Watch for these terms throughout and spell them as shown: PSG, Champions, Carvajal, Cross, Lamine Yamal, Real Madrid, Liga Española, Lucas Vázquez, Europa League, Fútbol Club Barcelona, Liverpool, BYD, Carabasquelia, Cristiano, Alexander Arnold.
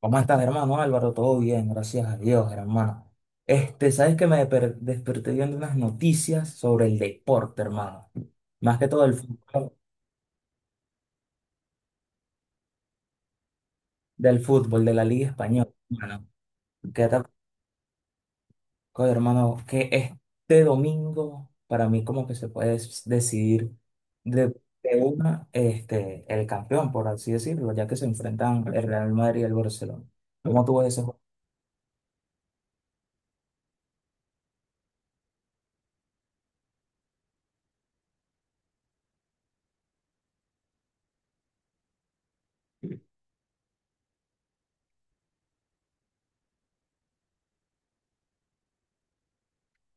¿Cómo estás, hermano Álvaro? Todo bien, gracias a Dios, hermano. Sabes que desperté viendo unas noticias sobre el deporte, hermano. Más que todo el fútbol, del fútbol, de la Liga Española, hermano. ¿Qué tal, hermano? Que este domingo, para mí, como que se puede decidir de, de una, el campeón, por así decirlo, ya que se enfrentan el Real Madrid y el Barcelona. ¿Cómo tú ves ese juego?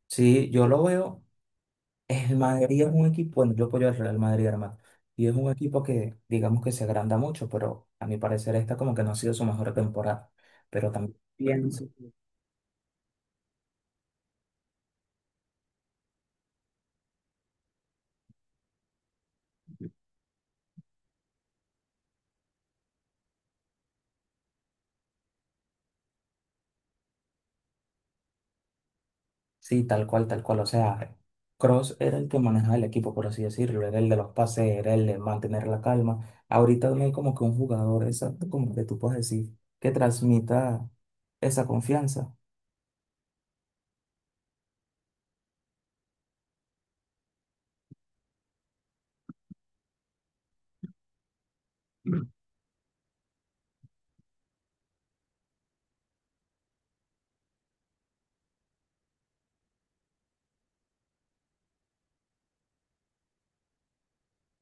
Sí, yo lo veo. El Madrid es un equipo, bueno, yo apoyo al Real Madrid, hermano, y es un equipo que digamos que se agranda mucho, pero a mi parecer esta como que no ha sido su mejor temporada. Pero también pienso, sí, tal cual, o sea, Cross era el que manejaba el equipo, por así decirlo, era el de los pases, era el de mantener la calma. Ahorita no hay como que un jugador exacto como que tú puedes decir que transmita esa confianza.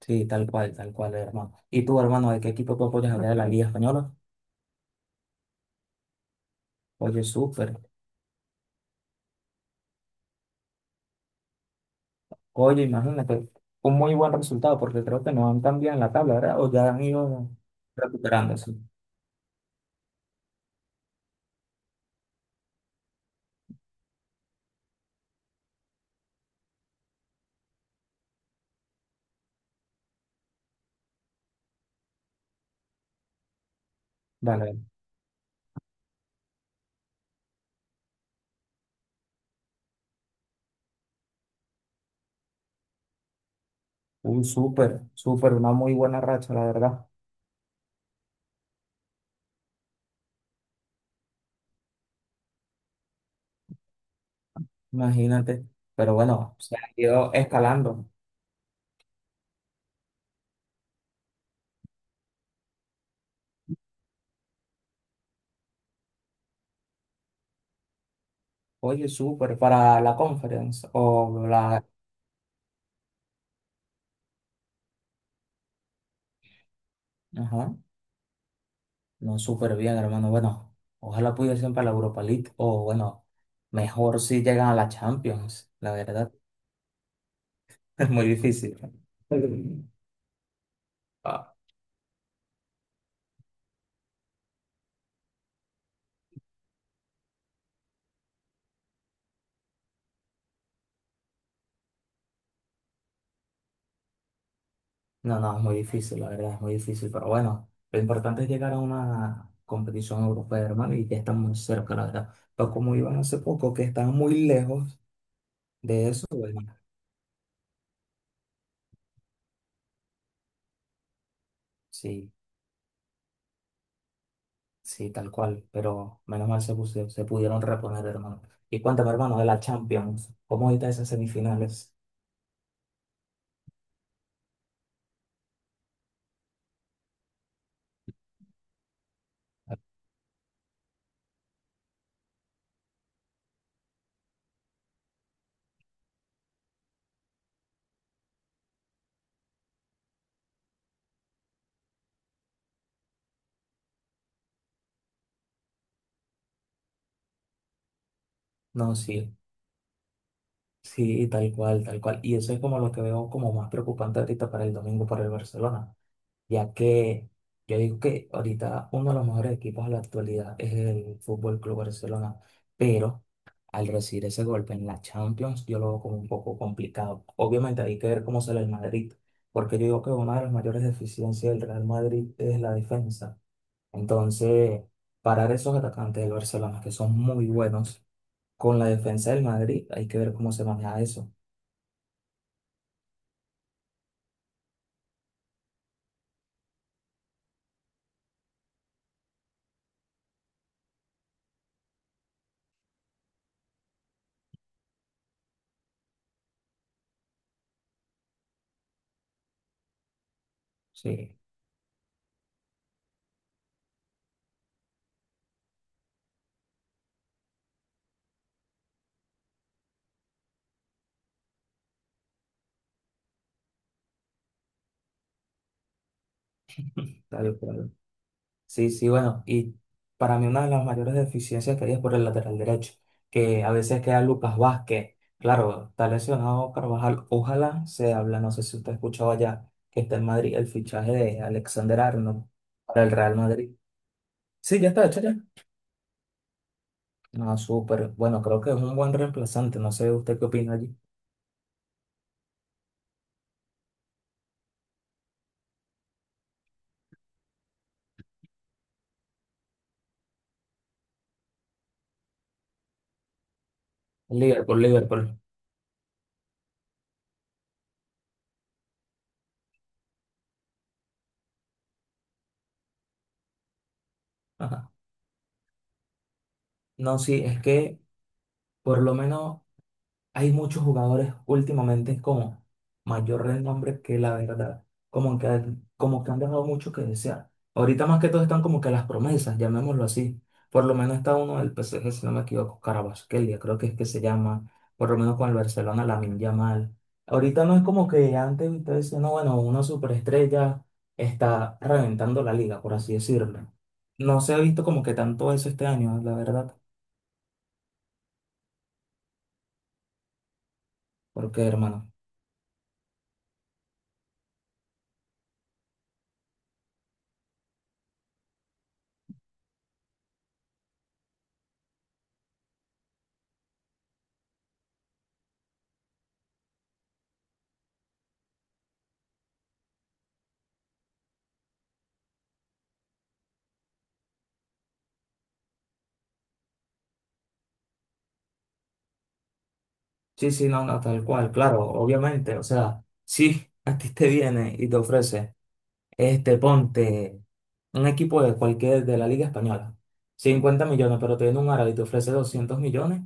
Sí, tal cual, hermano. ¿Y tú, hermano, de qué equipo tú apoyas a de la Liga Española? Oye, súper. Oye, imagínate, un muy buen resultado porque creo que no han cambiado en la tabla, ¿verdad? O ya han ido recuperándose. Vale, un súper, súper, una muy buena racha, la verdad. Imagínate. Pero bueno, se ha ido escalando. Oye, súper, para la conference o la... Ajá, no, súper bien, hermano. Bueno, ojalá pudiesen para la Europa League o bueno, mejor si llegan a la Champions, la verdad. Es muy difícil. No, no, es muy difícil, la verdad, es muy difícil, pero bueno, lo importante es llegar a una competición europea, hermano, y que están muy cerca, la verdad. Pero como iban hace poco, que están muy lejos de eso, bueno, sí, sí, tal cual, pero menos mal se, se pudieron reponer, hermano. Y cuéntame, hermano, de la Champions, ¿cómo ahorita esas semifinales? No, sí, sí, tal cual, tal cual. Y eso es como lo que veo como más preocupante ahorita para el domingo para el Barcelona, ya que yo digo que ahorita uno de los mejores equipos a la actualidad es el Fútbol Club Barcelona, pero al recibir ese golpe en la Champions, yo lo veo como un poco complicado. Obviamente hay que ver cómo sale el Madrid, porque yo digo que una de las mayores deficiencias del Real Madrid es la defensa. Entonces, parar esos atacantes del Barcelona, que son muy buenos, con la defensa del Madrid, hay que ver cómo se maneja eso. Sí, tal cual. Sí, sí, bueno, y para mí una de las mayores deficiencias que hay es por el lateral derecho, que a veces queda Lucas Vázquez. Claro, está lesionado Carvajal, ojalá se habla, no sé si usted ha escuchado allá que está en Madrid el fichaje de Alexander Arnold para el Real Madrid. Sí, ya está hecho ya. No, súper. Bueno, creo que es un buen reemplazante, no sé usted qué opina allí. Liverpool, Liverpool. Ajá. No, sí, es que por lo menos hay muchos jugadores últimamente como mayor renombre que la verdad, como que, como que han dejado mucho que desear. Ahorita más que todo están como que las promesas, llamémoslo así. Por lo menos está uno del PSG, si no me equivoco, Carabasquelia, creo que es que se llama, por lo menos con el Barcelona, Lamine Yamal. Ahorita no es como que antes ustedes decían, no, bueno, una superestrella está reventando la liga, por así decirlo. No se ha visto como que tanto eso este año, la verdad, porque hermano. Sí, sí, no, no, tal cual, claro, obviamente, o sea, sí, a ti te viene y te ofrece, ponte un equipo de cualquier de la Liga Española, 50 millones, pero te viene un árabe y te ofrece 200 millones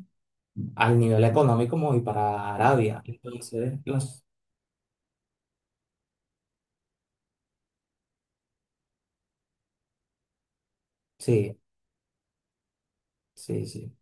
al nivel económico como y para Arabia. Sí, sí, sí.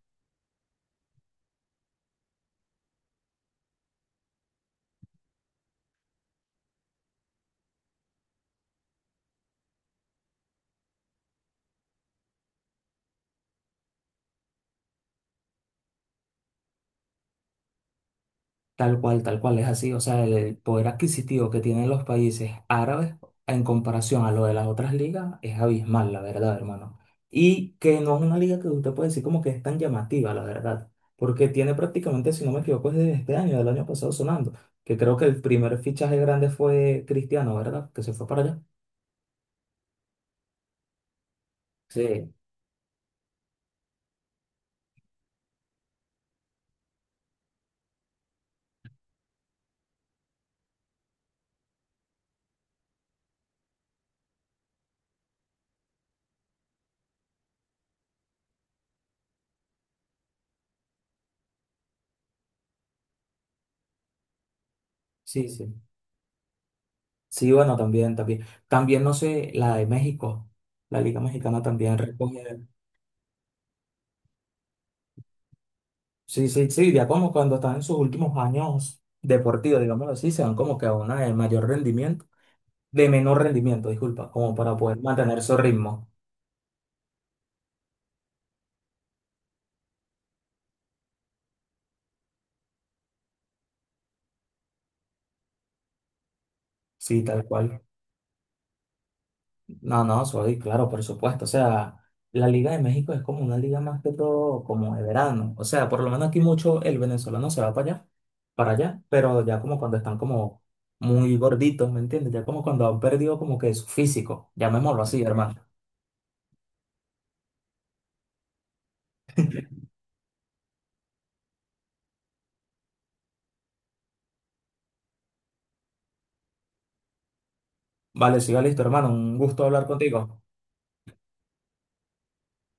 Tal cual es así. O sea, el poder adquisitivo que tienen los países árabes en comparación a lo de las otras ligas es abismal, la verdad, hermano. Y que no es una liga que usted puede decir como que es tan llamativa, la verdad. Porque tiene prácticamente, si no me equivoco, es de este año, del año pasado sonando. Que creo que el primer fichaje grande fue Cristiano, ¿verdad? Que se fue para allá. Sí, sí, sí. Sí, bueno, también, también. También, no sé, la de México, la Liga Mexicana también recoge. Sí, sí, sí, ya como cuando están en sus últimos años deportivos, digámoslo así, se van como que a una de mayor rendimiento, de menor rendimiento, disculpa, como para poder mantener su ritmo. Sí, tal cual. No, no, soy, claro, por supuesto. O sea, la Liga de México es como una liga más que todo como de verano. O sea, por lo menos aquí mucho el venezolano se va para allá, pero ya como cuando están como muy gorditos, ¿me entiendes? Ya como cuando han perdido como que su físico, llamémoslo así, hermano. Vale, sí, va listo, hermano. Un gusto hablar contigo.